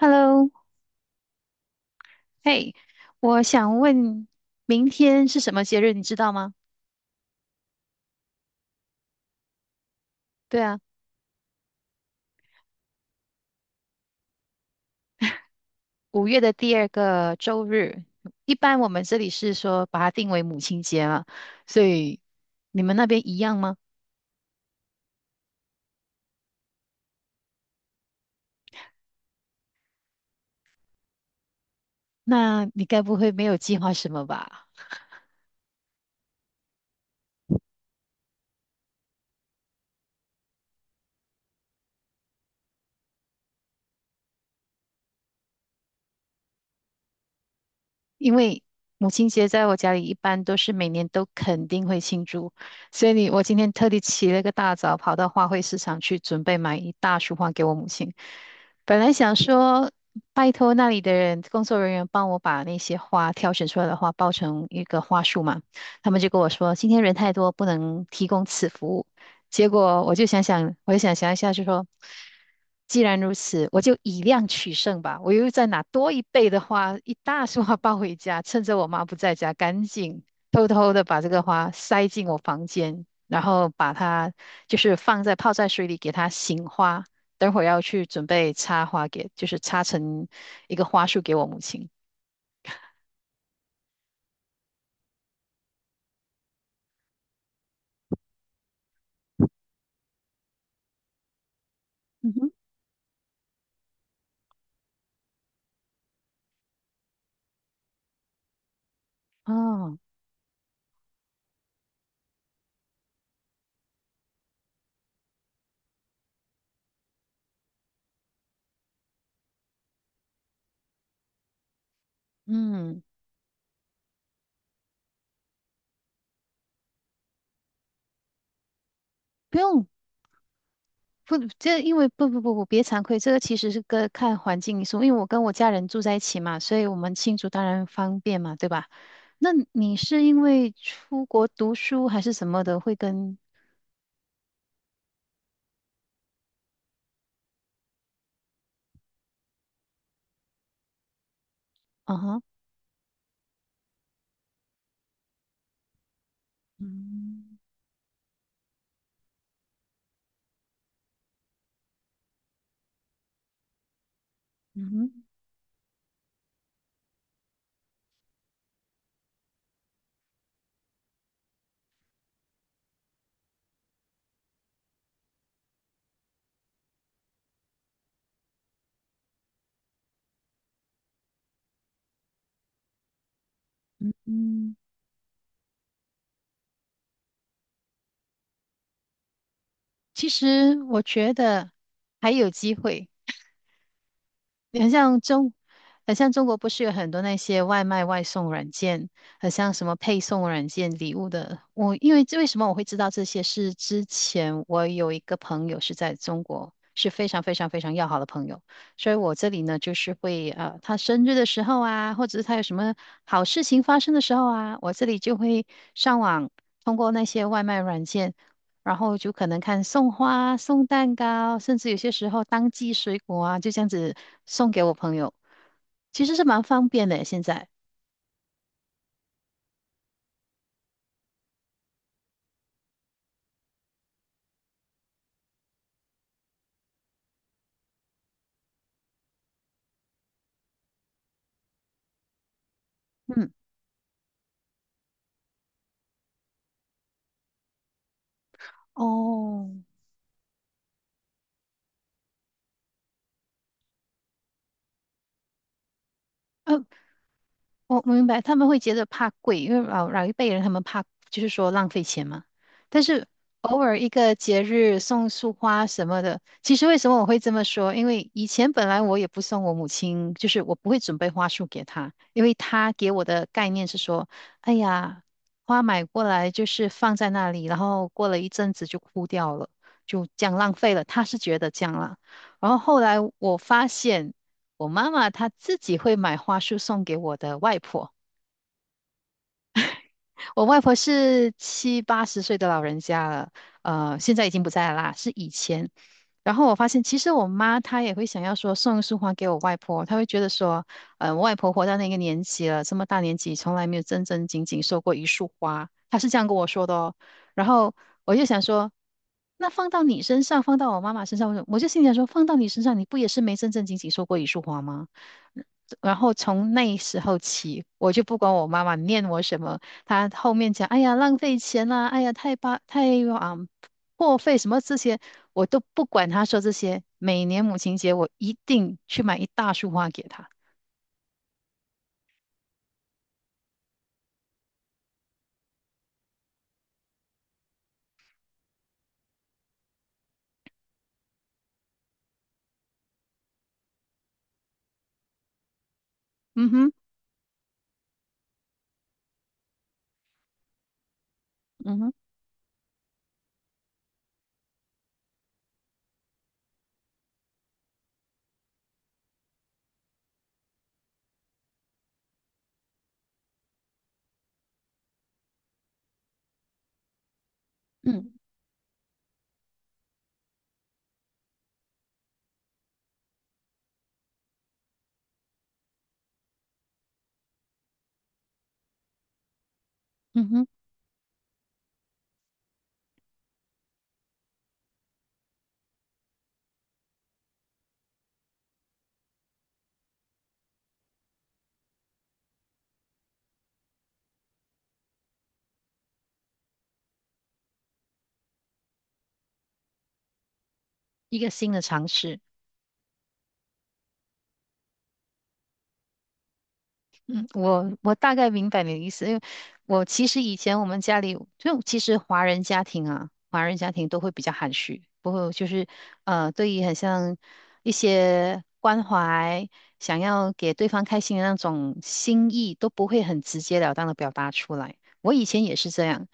Hello,嘿，我想问，明天是什么节日？你知道吗？对啊，五月的第二个周日，一般我们这里是说把它定为母亲节嘛，所以你们那边一样吗？那你该不会没有计划什么吧？因为母亲节在我家里一般都是每年都肯定会庆祝，所以我今天特地起了个大早，跑到花卉市场去准备买一大束花给我母亲。本来想说拜托那里的人工作人员帮我把那些花挑选出来的花包成一个花束嘛，他们就跟我说今天人太多不能提供此服务，结果我就想想一下，就说，既然如此，我就以量取胜吧。我又再拿多一倍的花，一大束花抱回家，趁着我妈不在家，赶紧偷偷的把这个花塞进我房间，然后把它就是放在泡在水里，给它醒花。等会儿要去准备插花给，就是插成一个花束给我母亲。嗯哼。哦。嗯。不用不，这因为不不不不，别惭愧，这个其实是个看环境因素。因为我跟我家人住在一起嘛，所以我们庆祝当然方便嘛，对吧？那你是因为出国读书还是什么的，会跟。啊哈。嗯。嗯哼。嗯，其实我觉得还有机会。很像中，很像中国不是有很多那些外卖外送软件，很像什么配送软件、礼物的。我因为为什么我会知道这些？是之前我有一个朋友是在中国，是非常非常非常要好的朋友，所以我这里呢就是会他生日的时候啊，或者是他有什么好事情发生的时候啊，我这里就会上网通过那些外卖软件。然后就可能看送花、送蛋糕，甚至有些时候当季水果啊，就这样子送给我朋友，其实是蛮方便的。现在，嗯。哦。呃，我明白，他们会觉得怕贵，因为老一辈人他们怕就是说浪费钱嘛。但是偶尔一个节日送束花什么的，其实为什么我会这么说？因为以前本来我也不送我母亲，就是我不会准备花束给她，因为她给我的概念是说，哎呀，花买过来就是放在那里，然后过了一阵子就枯掉了，就这样浪费了。她是觉得这样啦。然后后来我发现，我妈妈她自己会买花束送给我的外婆。我外婆是七八十岁的老人家了，现在已经不在了啦，是以前。然后我发现，其实我妈她也会想要说送一束花给我外婆，她会觉得说，嗯，我外婆活到那个年纪了，这么大年纪，从来没有正正经经收过一束花，她是这样跟我说的哦。然后我就想说，那放到你身上，放到我妈妈身上，我就心里想说，放到你身上，你不也是没正正经经收过一束花吗？然后从那时候起，我就不管我妈妈念我什么，他后面讲，哎呀，浪费钱啦、哎呀，太啊、破费什么这些，我都不管他说这些。每年母亲节，我一定去买一大束花给他。嗯哼。嗯哼。嗯。嗯哼。一个新的尝试。嗯，我大概明白你的意思，因为我其实以前我们家里就其实华人家庭啊，华人家庭都会比较含蓄，不会就是对于很像一些关怀，想要给对方开心的那种心意，都不会很直截了当的表达出来。我以前也是这样，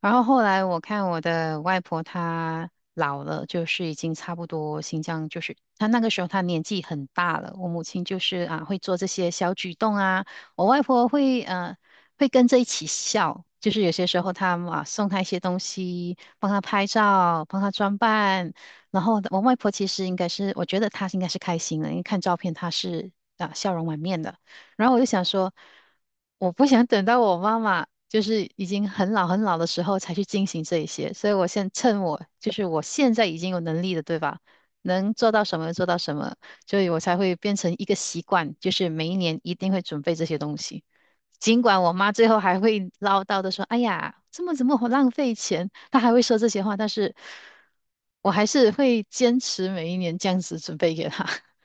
然后后来我看我的外婆她老了，就是已经差不多新疆就是她那个时候她年纪很大了，我母亲就是啊会做这些小举动啊。我外婆会跟着一起笑，就是有些时候她啊送她一些东西，帮她拍照，帮她装扮。然后我外婆其实应该是，我觉得她应该是开心的，因为看照片她是啊笑容满面的。然后我就想说，我不想等到我妈妈就是已经很老很老的时候才去进行这一些，所以我现趁我就是我现在已经有能力的，对吧？能做到什么就做到什么，所以我才会变成一个习惯，就是每一年一定会准备这些东西。尽管我妈最后还会唠叨的说："哎呀，这么怎么好浪费钱？"她还会说这些话，但是我还是会坚持每一年这样子准备给她。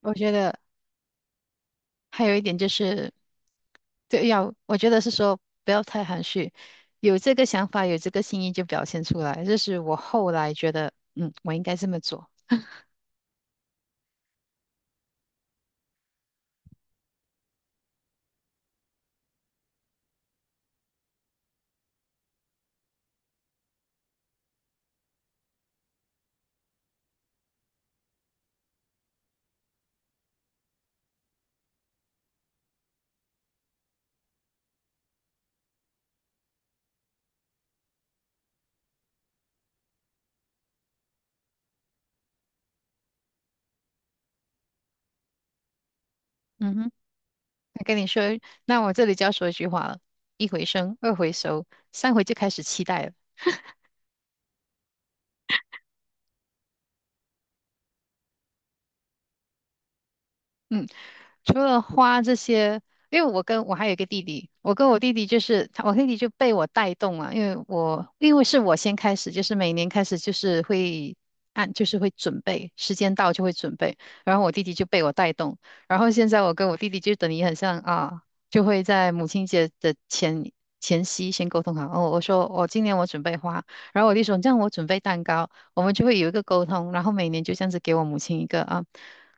我觉得还有一点就是，对，要我觉得是说不要太含蓄，有这个想法，有这个心意就表现出来。这是我后来觉得，嗯，我应该这么做。嗯哼。跟你说，那我这里就要说一句话了：一回生，二回熟，三回就开始期待了。嗯。除了花这些，因为我跟我还有一个弟弟，我跟我弟弟就是他，我弟弟就被我带动了，因为是我先开始，就是每年开始就是会按就是会准备，时间到就会准备，然后我弟弟就被我带动，然后现在我跟我弟弟就等于很像啊，就会在母亲节的前夕先沟通好，哦，我说我、今年我准备花，然后我弟说这样我准备蛋糕，我们就会有一个沟通，然后每年就这样子给我母亲一个啊。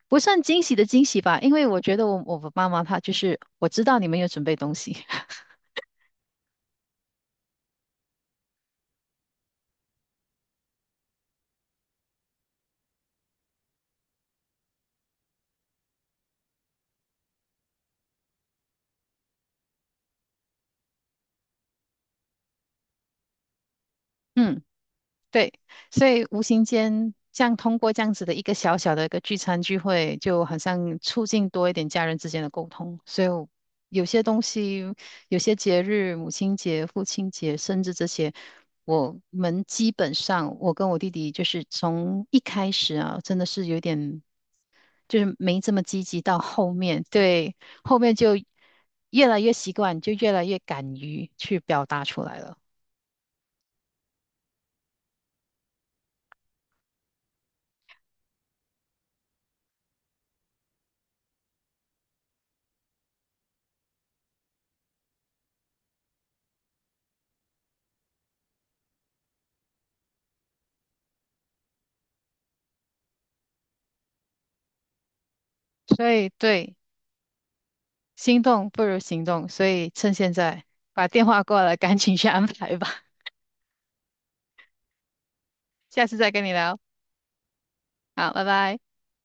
不算惊喜的惊喜吧，因为我觉得我妈妈她就是我知道你们有准备东西。嗯，对，所以无形间这样通过这样子的一个小小的一个聚餐聚会，就好像促进多一点家人之间的沟通，所以我有些东西，有些节日，母亲节、父亲节，甚至这些。我们基本上，我跟我弟弟就是从一开始啊，真的是有点就是没这么积极到后面，对，后面就越来越习惯，就越来越敢于去表达出来了。所以对，心动不如行动，所以趁现在把电话挂了，赶紧去安排吧。下次再跟你聊，好，拜拜。